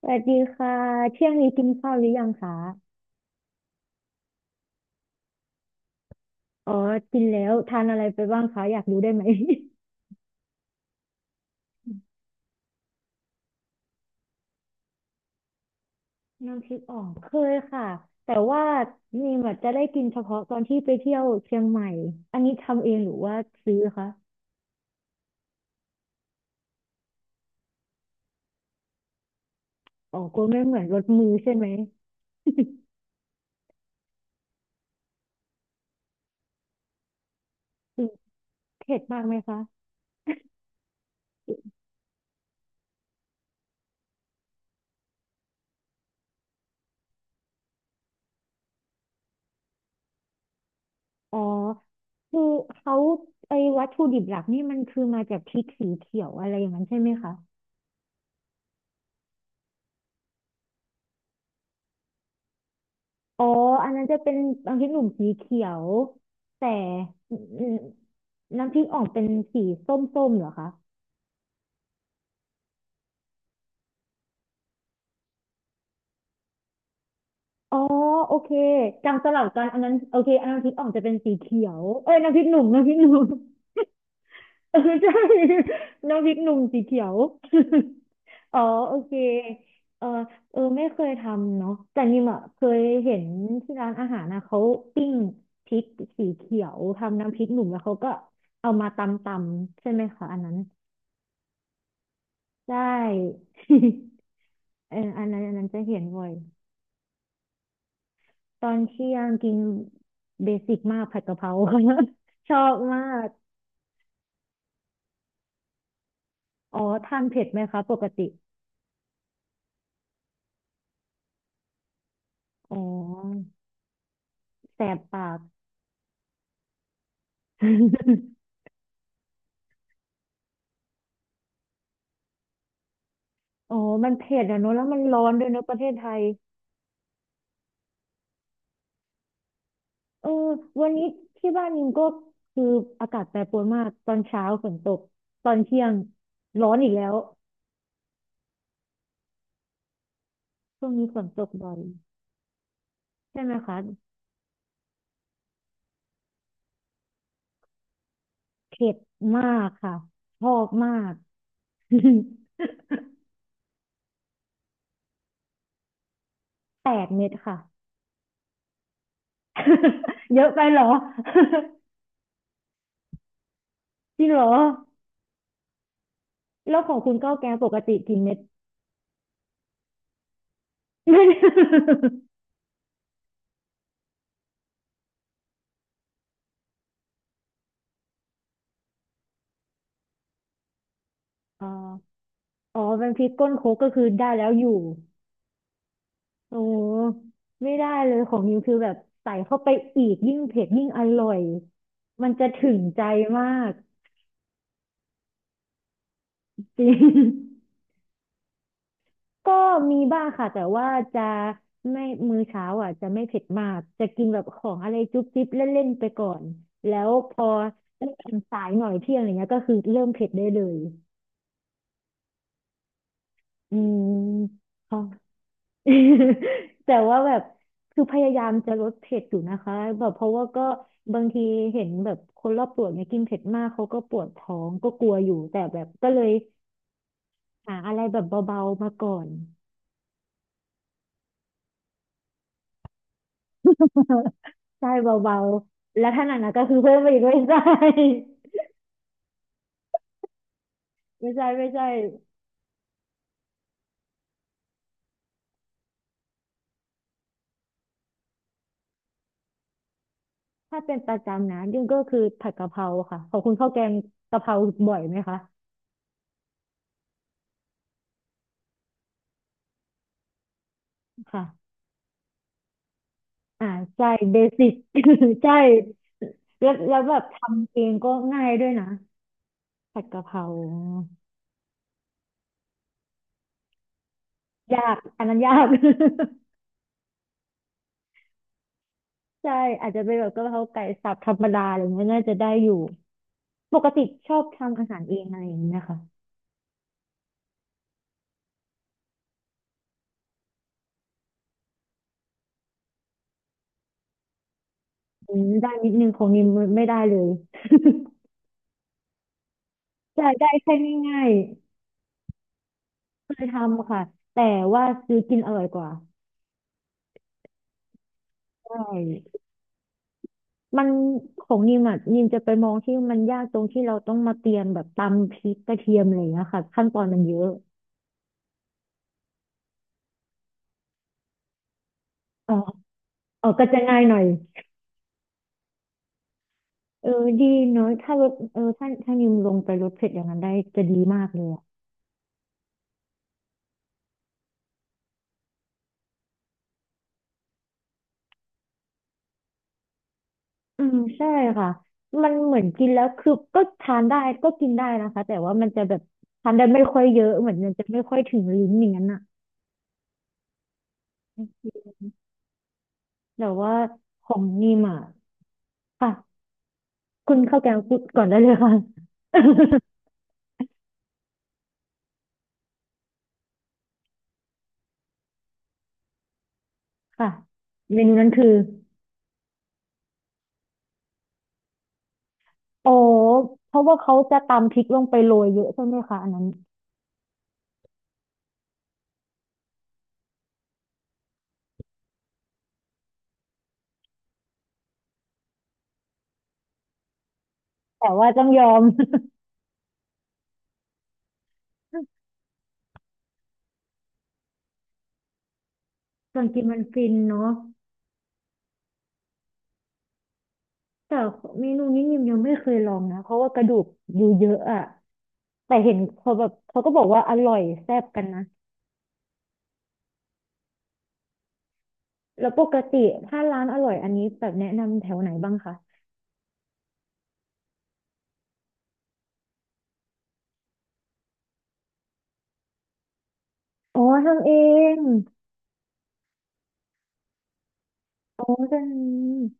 สวัสดีค่ะเที่ยงนี้กินข้าวหรือยังคะอ๋อกินแล้วทานอะไรไปบ้างคะอยากรู้ได้ไหม น้ำพริกอ่องเคยค่ะแต่ว่านี่แบบจะได้กินเฉพาะตอนที่ไปเที่ยวเชียงใหม่อันนี้ทำเองหรือว่าซื้อคะอ๋อกลัวไม่เหมือนรสมือใช่ไหมอืมเผ็ดมากไหมคะอ๋อคือเขาไอ้วัตถุดิบหลักนี่มันคือมาจากพริกสีเขียวอะไรอย่างนั้นใช่ไหมคะ อ๋ออันนั้นจะเป็นน้ำพริกหนุ่มสีเขียวแต่อืมน้ำพริกอ่องเป็นสีส้มๆเหรอคะอ๋อโอเคจำสลับกันอันนั้นโอเคอันน้ำพริกอ่องจะเป็นสีเขียวเอ้ยน้ำพริกหนุ่ม เออใช่น้ำพริกหนุ่มสีเขียว อ๋อโอเคเออเออไม่เคยทำเนาะแต่นิมอ่ะเคยเห็นที่ร้านอาหารนะเขาปิ้งพริกสีเขียวทำน้ำพริกหนุ่มแล้วเขาก็เอามาตำใช่ไหมคะอันนั้น ได้ เอออันนั้นจะเห็นบ่อยตอนเที่ยงกินเบสิกมากผัดกะเพรา ชอบมากอ๋อทานเผ็ดไหมคะปกติอ๋อแสบปาก อ๋อมันเผ็ดอะเนอะแล้วมันร้อนด้วยเนอะประเทศไทยเออวันนี้ที่บ้านนิมก็คืออากาศแปรปรวนมากตอนเช้าฝนตกตอนเที่ยงร้อนอีกแล้วช่วงนี้ฝนตกบ่อยใช่ไหมคะเผ็ดมากค่ะชอบมาก 8 เม็ดค่ะ เยอะไปเหรอ จริงเหรอแล้วของคุณก้าวแกงปกติกี่เม็ด่ อ๋ออ๋อเป็นพริกก้นโคกก็คือได้แล้วอยู่โอ้ไม่ได้เลยของนิวคือแบบใส่เข้าไปอีกยิ่งเผ็ดยิ่งอร่อยมันจะถึงใจมากจริง ก็มีบ้างค่ะแต่ว่าจะไม่มื้อเช้าอ่ะจะไม่เผ็ดมากจะกินแบบของอะไรจุ๊บจิ๊บเล่นๆไปก่อนแล้วพอเริ่มสายหน่อยเที่ยงอะไรเงี้ยก็คือเริ่มเผ็ดได้เลยอืม ค่ะ แต่ว่าแบบคือพยายามจะลดเผ็ดอยู่นะคะแบบเพราะว่าก็บางทีเห็นแบบคนรอบตัวเนี่ยกินเผ็ดมากเขาก็ปวดท้องก็กลัวอยู่แต่แบบก็เลยหาอะไรแบบเบาๆมาก่อน ใช่เบาๆ แล้วถ้าหนักๆก็คือเพิ่มไปอีกไม่ใช่ไม่ใช่ไม่ใช่ถ้าเป็นประจำนะยิ่งก็คือผัดกะเพราค่ะขอบคุณข้าวแกงกะเพราบ่อยไหมคะค่ะอ่าใช่เบสิก ใช่แล้วแบบทำเองก็ง่ายด้วยนะผัดกะเพรายากอันนั้นยาก ใช่อาจจะเป็นแบบกะเพราไก่สับธรรมดาอะไรเงี้ยน่าจะได้อยู่ปกติชอบทำอาหารเองอะไรอย่างเงี้ยค่ะอืมได้นิดนึงของนิมไม่ได้เลย อยาได้แค่ง่ายๆเคยทำค่ะแต่ว่าซื้อกินอร่อยกว่าใช่มันของนิมอ่ะนิมจะไปมองที่มันยากตรงที่เราต้องมาเตรียมแบบตำพริกกระเทียมอะไรอย่างเงี้ยค่ะขั้นตอนมันเยอะอ๋ออ๋อก็จะง่ายหน่อยเออดีเนอะถ้าลดเออถ้านิมลงไปลดเผ็ดอย่างนั้นได้จะดีมากเลยอ่ะอืมใช่ค่ะมันเหมือนกินแล้วคือก็ทานได้ก็กินได้นะคะแต่ว่ามันจะแบบทานได้ไม่ค่อยเยอะเหมือนมันจะไม่ค่อยถึงลิ้นอย่างนั้นอ่ะ แต่ว่าของนิมอ่ะค่ะคุณข้าวแกงพูดก่อนได้เลยค่ะ ค่ะเมนูนั้นคือโอ้เพราะว่าเขาจะตำพริกลงไปโรยเยอะใช่ไหมคะอันนั้นแต่ว่าต้องยอม ส่วนกินมันฟินเนาะแต่เมนูนี้ยิมยังไม่เคยลองนะเพราะว่ากระดูกอยู่เยอะอะแต่เห็นเขาแบบเขาก็บอกว่าอร่อยแซ่บกันนะแล้วปกติถ้าร้านอร่อยอันนี้แบบแนะนำแถวไหนบ้างคะอ๋อทำเองอ๋อจัง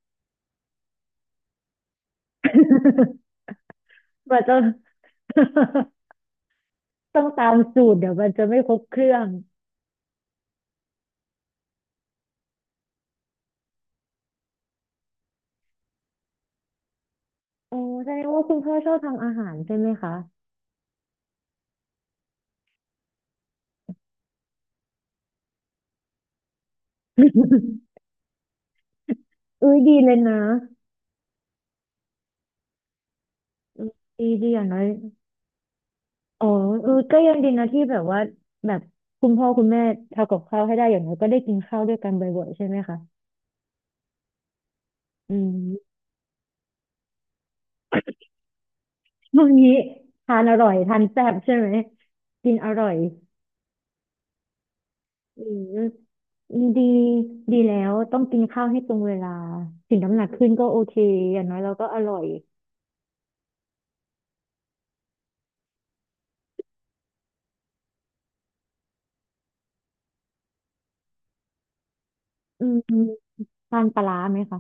มันจะ ต้องตามสูตรเดี๋ยวมันจะไม่ครบเครื่องโอ้แสดงว่าคุณพ่อชอบทำอาหารใช่ไหมคะ อ้ยดีเลยนะอืมดีอย่างน้อยอ๋อเออก็ยังดีนะที่แบบว่าแบบคุณพ่อคุณแม่ทำกับข้าวให้ได้อย่างน้อยก็ได้กินข้าวด้วยกันบ่อยๆใช่ไหมคะอืมช่วงนี้ทานอร่อยทานแซ่บใช่ไหมกินอร่อยอืมดีดีแล้วต้องกินข้าวให้ตรงเวลาถึงน้ำหนักขึ้นก็โอเคอย่างน้อยเราก็อร่อย อืมทานปลาร้าไหมคะ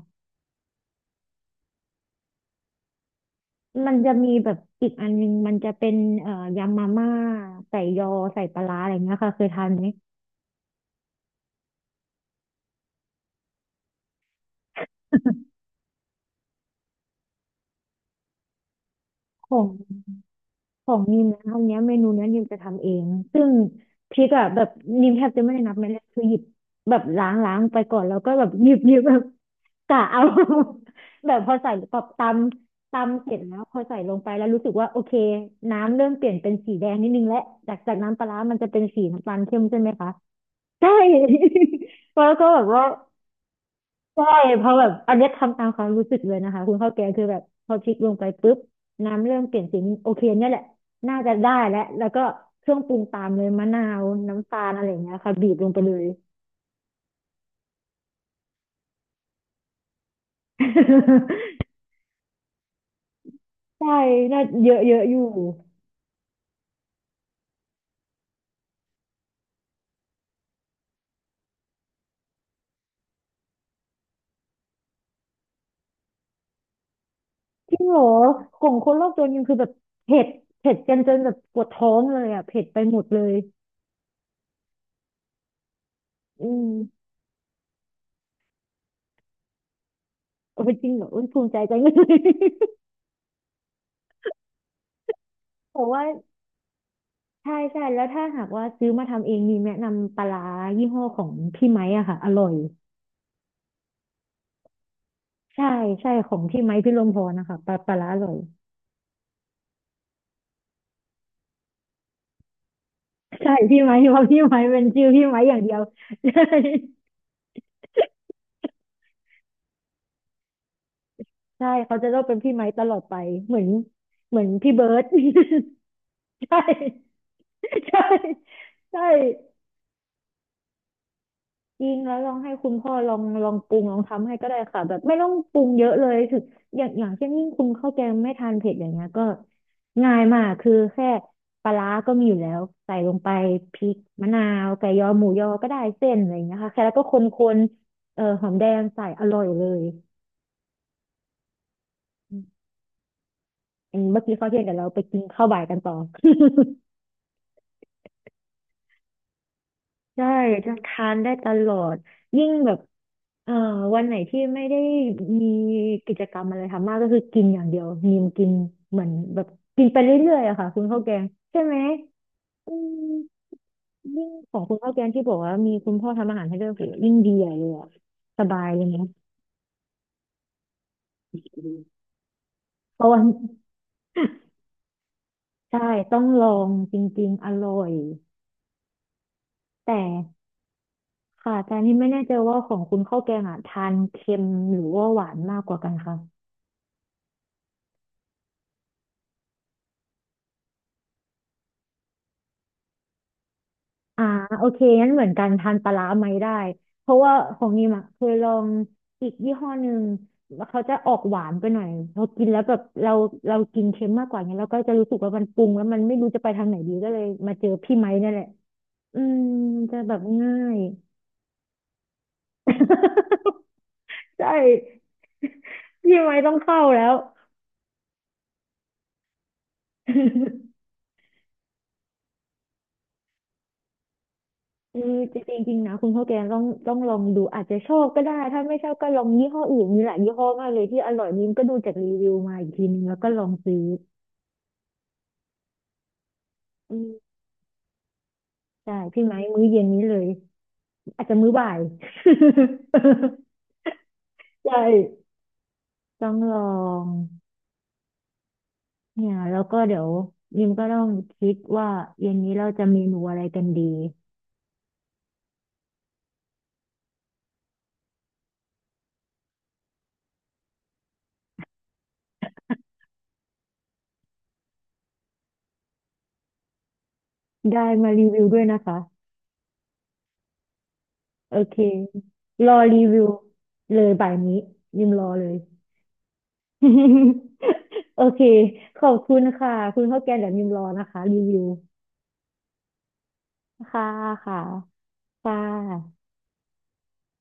มันจะมีแบบอีกอันนึงมันจะเป็นยำมาม่าใส่ยอใส่ปลาร้าอะไรเงี้ยค่ะเคยทานไหมของของนิมนะอันเนี้ยเมนูเนี้ยนิมจะทำเองซึ่งพริกอะแบบนิมแทบจะไม่ได้นับเม็ดเลยคือหยิบแบบล้างไปก่อนแล้วก็แบบหยิบแบบ กะเอา แบบพอใส่แบบตำเสร็จแล้วพอใส่ลงไปแล้วรู้สึกว่าโอเคน้ำเริ่มเปลี่ยนเป็นสีแดงนิดนึงและจากน้ำปลาร้ามันจะเป็นสีน้ำตาลเข้มใช่ไหมคะ ใช่ แล้วก็แบบว่าใช่เพราะแบบอันเนี้ยทำตามความรู้สึกเลยนะคะคุณข้าวแกงคือแบบพอพลิกลงไปปุ๊บน้ำเริ่มเปลี่ยนสีโอเคเนี่ยแหละน่าจะได้แล้วแล้วก็เครื่องปรุงตามเลยมะนาวน้ำตาลอะไรอย่างเงี้ยค่ะบีบลงไปเลย ใช่น่าเยอะเยอะอยู่จริงเหรอของคนรอบตัวยังคือแบบเผ็ดเผ็ดกันจนแบบปวดท้องเลยอ่ะเผ็ดไปหมดเลยอืมโอ้ยจริงเหรออุ้ยภูมิใจจังเลย แต่ว่า ใช่ใช่แล้วถ้าหากว่าซื้อมาทำเองมีแนะนำปลาร้ายี่ห้อของพี่ไม้อะค่ะอร่อยใช่ใช่ของพี่ไม้พี่ลมพรนะคะปลาร้าอร่อยใช่พี่ไม้เพราะพี่ไม้เป็นชื่อพี่ไม้อย่างเดียว ใช่ใช่เขาจะต้องเป็นพี่ไม้ตลอดไปเหมือนเหมือนพี่เบิร์ด ใช่ใช่ใช่ จริงแล้วลองให้คุณพ่อลองปรุงลองทำให้ก็ได้ค่ะแบบไม่ต้องปรุงเยอะเลยถึงอย่างเช่นยิ่งคุณข้าวแกงไม่ทานเผ็ดอย่างเงี้ยก็ง่ายมากคือแค่ปลาร้าก็มีอยู่แล้วใส่ลงไปพริกมะนาวไก่ยอหมูยอก็ได้เส้นอะไรอย่างเงี้ยค่ะแค่แล้วก็คนๆหอมแดงใส่อร่อยเลยอืมเมื่อกี้ข้าวเที่ยงเดี๋ยวเราไปกินข้าวบ่ายกันต่อ ใช่จะทานได้ตลอดยิ่งแบบเอ่อวันไหนที่ไม่ได้มีกิจกรรมอะไรทำมากก็คือกินอย่างเดียวมีมกินเหมือนแบบกินไปเรื่อยๆอะค่ะคุณข้าวแกงใช่ไหมอืมยิ่งของคุณข้าวแกงที่บอกว่ามีคุณพ่อทำอาหารให้ด้วยโหยิ่งดีใหญ่เลยอะสบายเลยนะเพราะว่า ใช่ต้องลองจริงๆอร่อยแต่ค่ะแต่นี่ไม่แน่ใจว่าของคุณข้าวแกงอ่ะทานเค็มหรือว่าหวานมากกว่ากันคะ อ่าโอเคงั้นเหมือนกันทานปลาร้าไหมได้เพราะว่าของนิมอ่ะเคยลองอีกยี่ห้อหนึ่งแล้เขาจะออกหวานไปหน่อยพอกินแล้วแบบเรากินเค็มมากกว่าเนี้ยเราก็จะรู้สึกว่ามันปรุงแล้วมันไม่รู้จะไปทางไหนดีก็เลยมาเจอพี่ไม้นั่นแหละอืมจะแบบง่าย ใช่ พี่ไม้ต้องเข้าแล้ว เออจริงๆจริงนะคุณข้าวแกงต้องลองดูอาจจะชอบก็ได้ถ้าไม่ชอบก็ลองยี่ห้ออื่นมีหลายยี่ห้อมากเลยที่อร่อยนิ้มก็ดูจากรีวิวมาอีกทีนึงแล้วก็ลองซื้ออืมใช่พี่ไม้มื้อเย็นนี้เลยอาจจะมื้อบ่าย ใช่ต้องลองเนี่ยแล้วก็เดี๋ยวยิมก็ต้องคิดว่าเย็นนี้เราจะเมนูอะไรกันดีได้มารีวิวด้วยนะคะโอเครอรีวิวเลยบ่ายนี้ยิมรอเลย โอเคขอบคุณค่ะคุณข้าวแกงเดี๋ยวยิมรอนะคะรีวิวค่ะค่ะค่ะ